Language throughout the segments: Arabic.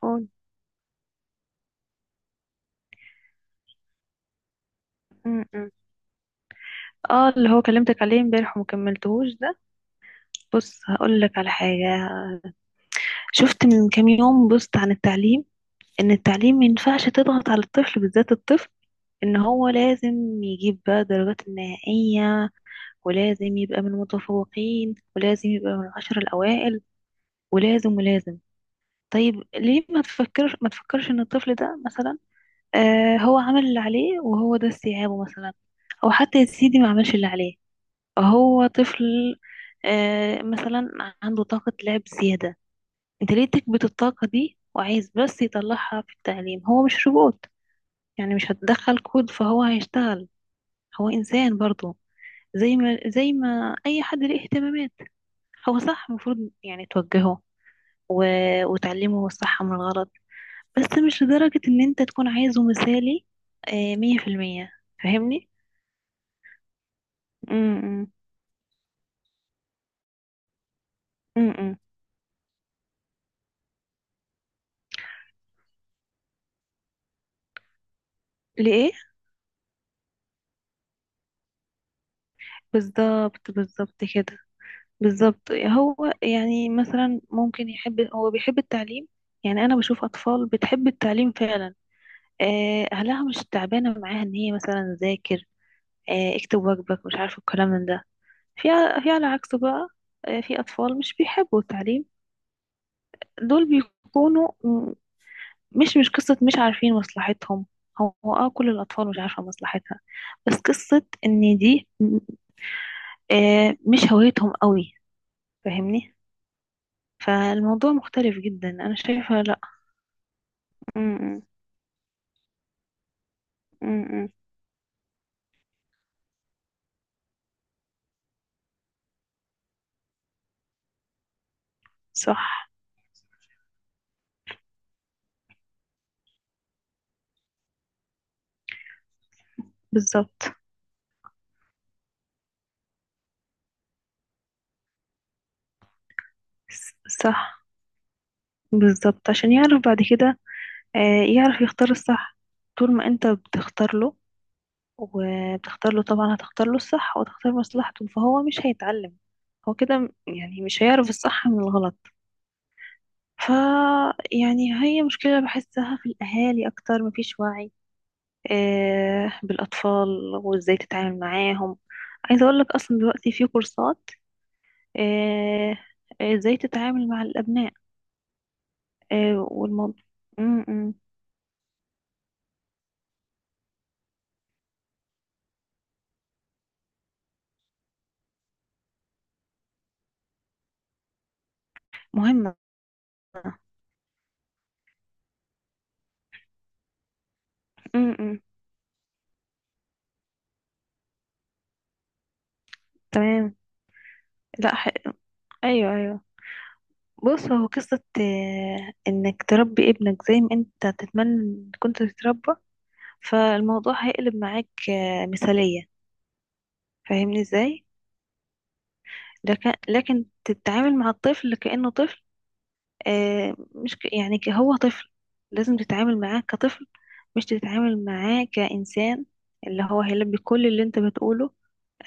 قول. م. اه، اللي هو كلمتك عليه امبارح ومكملتهوش ده. بص، هقول لك على حاجة. شفت من كام يوم بوست عن التعليم، ان التعليم ما ينفعش تضغط على الطفل، بالذات الطفل. ان هو لازم يجيب بقى الدرجات النهائية، ولازم يبقى من المتفوقين، ولازم يبقى من العشر الاوائل، ولازم. طيب ليه ما تفكرش ان الطفل ده مثلا هو عمل اللي عليه، وهو ده استيعابه مثلا، او حتى يا سيدي ما عملش اللي عليه. هو طفل. مثلا، عنده طاقة لعب زيادة. انت ليه تكبت الطاقة دي وعايز بس يطلعها في التعليم؟ هو مش روبوت، يعني مش هتدخل كود فهو هيشتغل. هو إنسان برضه، زي ما أي حد ليه اهتمامات. هو صح المفروض يعني توجهه و... وتعلمه الصح من الغلط. بس مش لدرجة إن انت تكون عايزه مثالي آه، مية في المية. فاهمني؟ م- م- م- م. ليه؟ بالظبط، بالظبط كده. بالظبط، هو يعني مثلا ممكن يحب، هو بيحب التعليم. يعني انا بشوف اطفال بتحب التعليم فعلا، آه، اهلها مش تعبانه معاها ان هي مثلا ذاكر، آه، اكتب واجبك، مش عارفه الكلام من ده. في في على عكسه بقى، آه، في اطفال مش بيحبوا التعليم. دول بيكونوا مش قصه مش عارفين مصلحتهم. هو اه، كل الاطفال مش عارفه مصلحتها. بس قصه ان دي آه، مش هويتهم قوي، فاهمني؟ فالموضوع مختلف جدا، انا شايفه لا. امم امم امم. صح، بالظبط. صح، بالظبط. عشان يعرف بعد كده آه، يعرف يختار الصح. طول ما انت بتختار له، وبتختار له طبعا هتختار له الصح وتختار مصلحته، فهو مش هيتعلم. هو كده يعني مش هيعرف الصح من الغلط. ف يعني هي مشكلة بحسها في الأهالي أكتر. مفيش وعي آه، بالأطفال وإزاي تتعامل معاهم. عايزة أقولك أصلا دلوقتي في كورسات آه، آه، ازاي تتعامل مع الابناء آه، والموضوع م- م. مهمة. م- م. تمام. لا ح... ايوه، ايوه. بص، هو قصة آه، انك تربي ابنك زي ما انت تتمنى إن كنت تتربى، فالموضوع هيقلب معاك آه، مثالية. فاهمني ازاي؟ لكن تتعامل مع الطفل كأنه طفل آه، مش ك- يعني ك- هو طفل، لازم تتعامل معاه كطفل، مش تتعامل معاه كإنسان اللي هو هيلبي كل اللي انت بتقوله.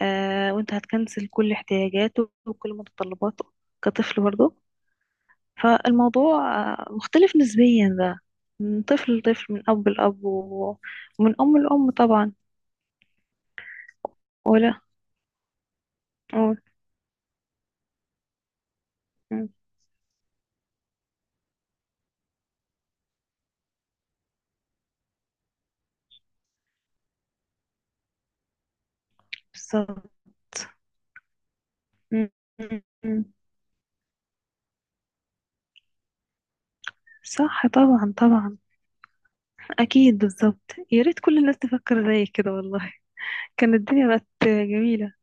آه، وانت هتكنسل كل احتياجاته وكل متطلباته، كطفل برضه. فالموضوع آه مختلف نسبيا بقى، من طفل لطفل، من أب لأب ومن أم لأم طبعا. ولا قول. مم، بالظبط. مم، مم، مم. صح، طبعا طبعا. أكيد، بالظبط. يا ريت كل الناس تفكر زي كده والله، كانت الدنيا بقت جميلة.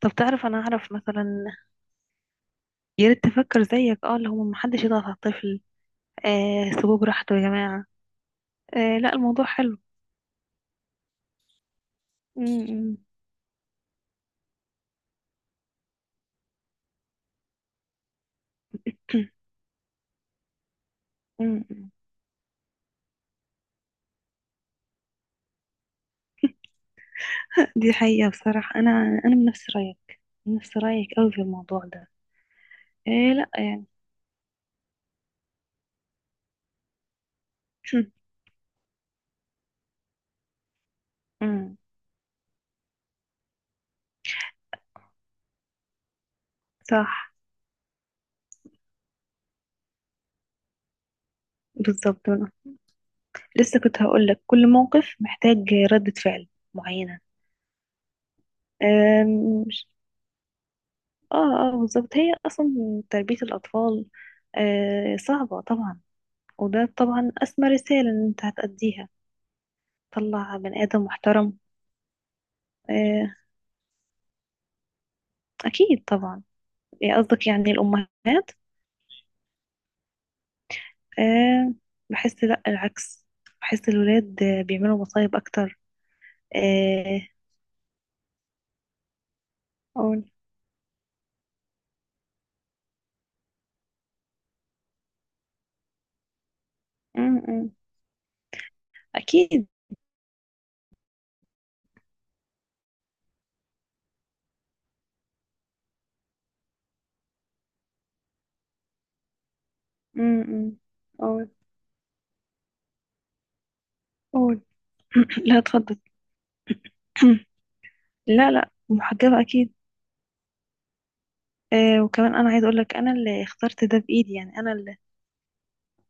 طب تعرف، انا اعرف مثلا. يا ريت تفكر زيك اه، اللي هم محدش يضغط على الطفل آه، سيبوه براحته يا جماعة. آه لا، الموضوع حلو. م- م- م- م. دي حقيقة بصراحة. انا من نفس رأيك، من نفس رأيك قوي في الموضوع ده. آه لا، يعني. م. صح، بالظبط. أنا لسه كنت هقول لك كل موقف محتاج ردة فعل معينة. مش اه، اه بالظبط. هي اصلا تربية الاطفال آه صعبة طبعا، وده طبعا أسمى رسالة إن أنت هتأديها. طلع بني آدم محترم آه، أكيد طبعا. إيه قصدك، يعني الأمهات؟ آه. بحس لأ، العكس، بحس الولاد آه، بيعملوا مصايب أكتر. آه، قول. م- م. أكيد. م- م. قول. قول. لا، اتفضل. لا لا، محجبة أكيد. آه، وكمان أنا عايز أقولك، أنا اللي اخترت ده بإيدي، يعني أنا اللي،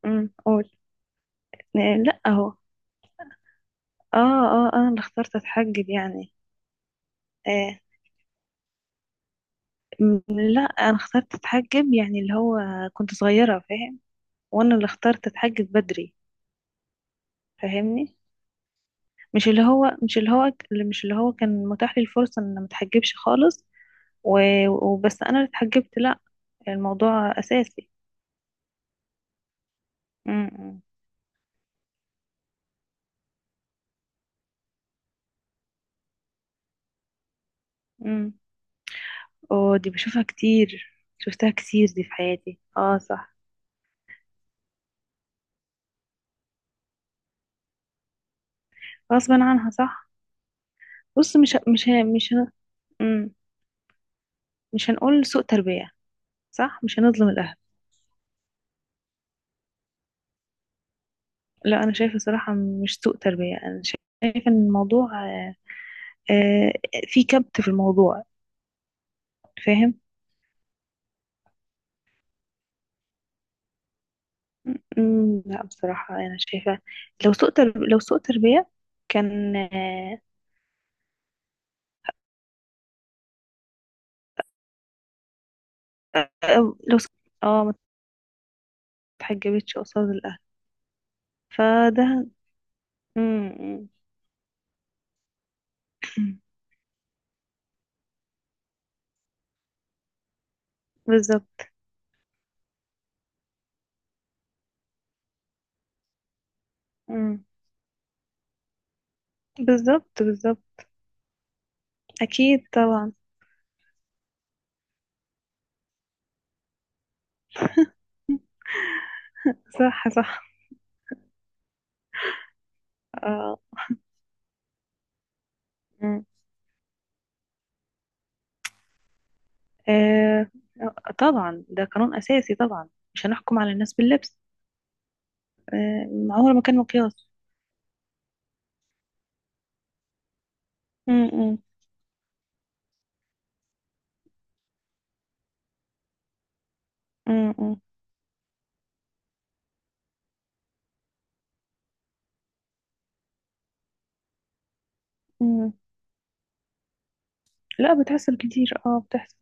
مم، قول. آه لا أهو، آه، آه، أنا اللي اخترت أتحجب يعني. آه، لا، انا اخترت اتحجب، يعني اللي هو كنت صغيرة، فاهم. وانا اللي اخترت اتحجب بدري، فاهمني؟ مش اللي هو مش اللي هو مش اللي هو كان متاح لي الفرصة ان أنا ما اتحجبش خالص وبس انا اللي اتحجبت. لا، الموضوع اساسي. امم، امم. اه، دي بشوفها كتير، شفتها كتير دي في حياتي، اه صح. غصبا عنها صح. بص، مش ه- مش ه- مش ه- مم. مش هنقول سوء تربية. صح، مش هنظلم الاهل. لا، انا شايفه صراحه مش سوء تربيه. انا شايفه ان الموضوع آه، آه، في كبت في الموضوع، فاهم. أمم، لا بصراحه انا شايفه. لو سوء تربيه كان آه، أو لو سوء... اه، ما اتحجبتش قصاد الاهل فده. امم. بالظبط. امم، بالظبط، بالظبط. اكيد طبعا. صح، صح. آه. امم. آه. آه، طبعا ده قانون اساسي طبعا، مش هنحكم على الناس باللبس آه، عمره ما كان مقياس. م- م- م- م- م. لا، بتحصل كتير، اه بتحصل.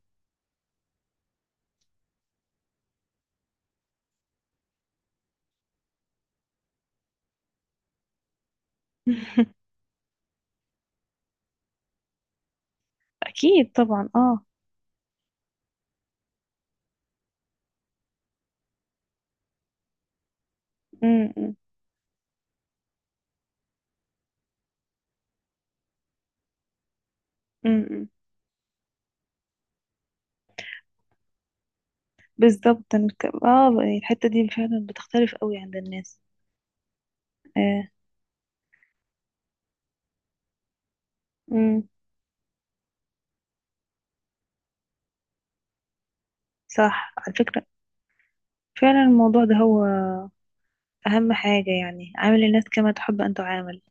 اكيد طبعا اه. م- م- م- م. بالظبط أنا اه، يعني الحتة دي فعلا بتختلف قوي عند الناس. آه. م. صح، على فكرة فعلا الموضوع ده هو اهم حاجة، يعني عامل الناس كما تحب ان تعامل.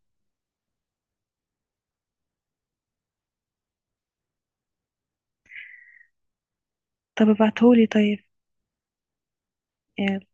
طب ابعتهولي طيب، يعني.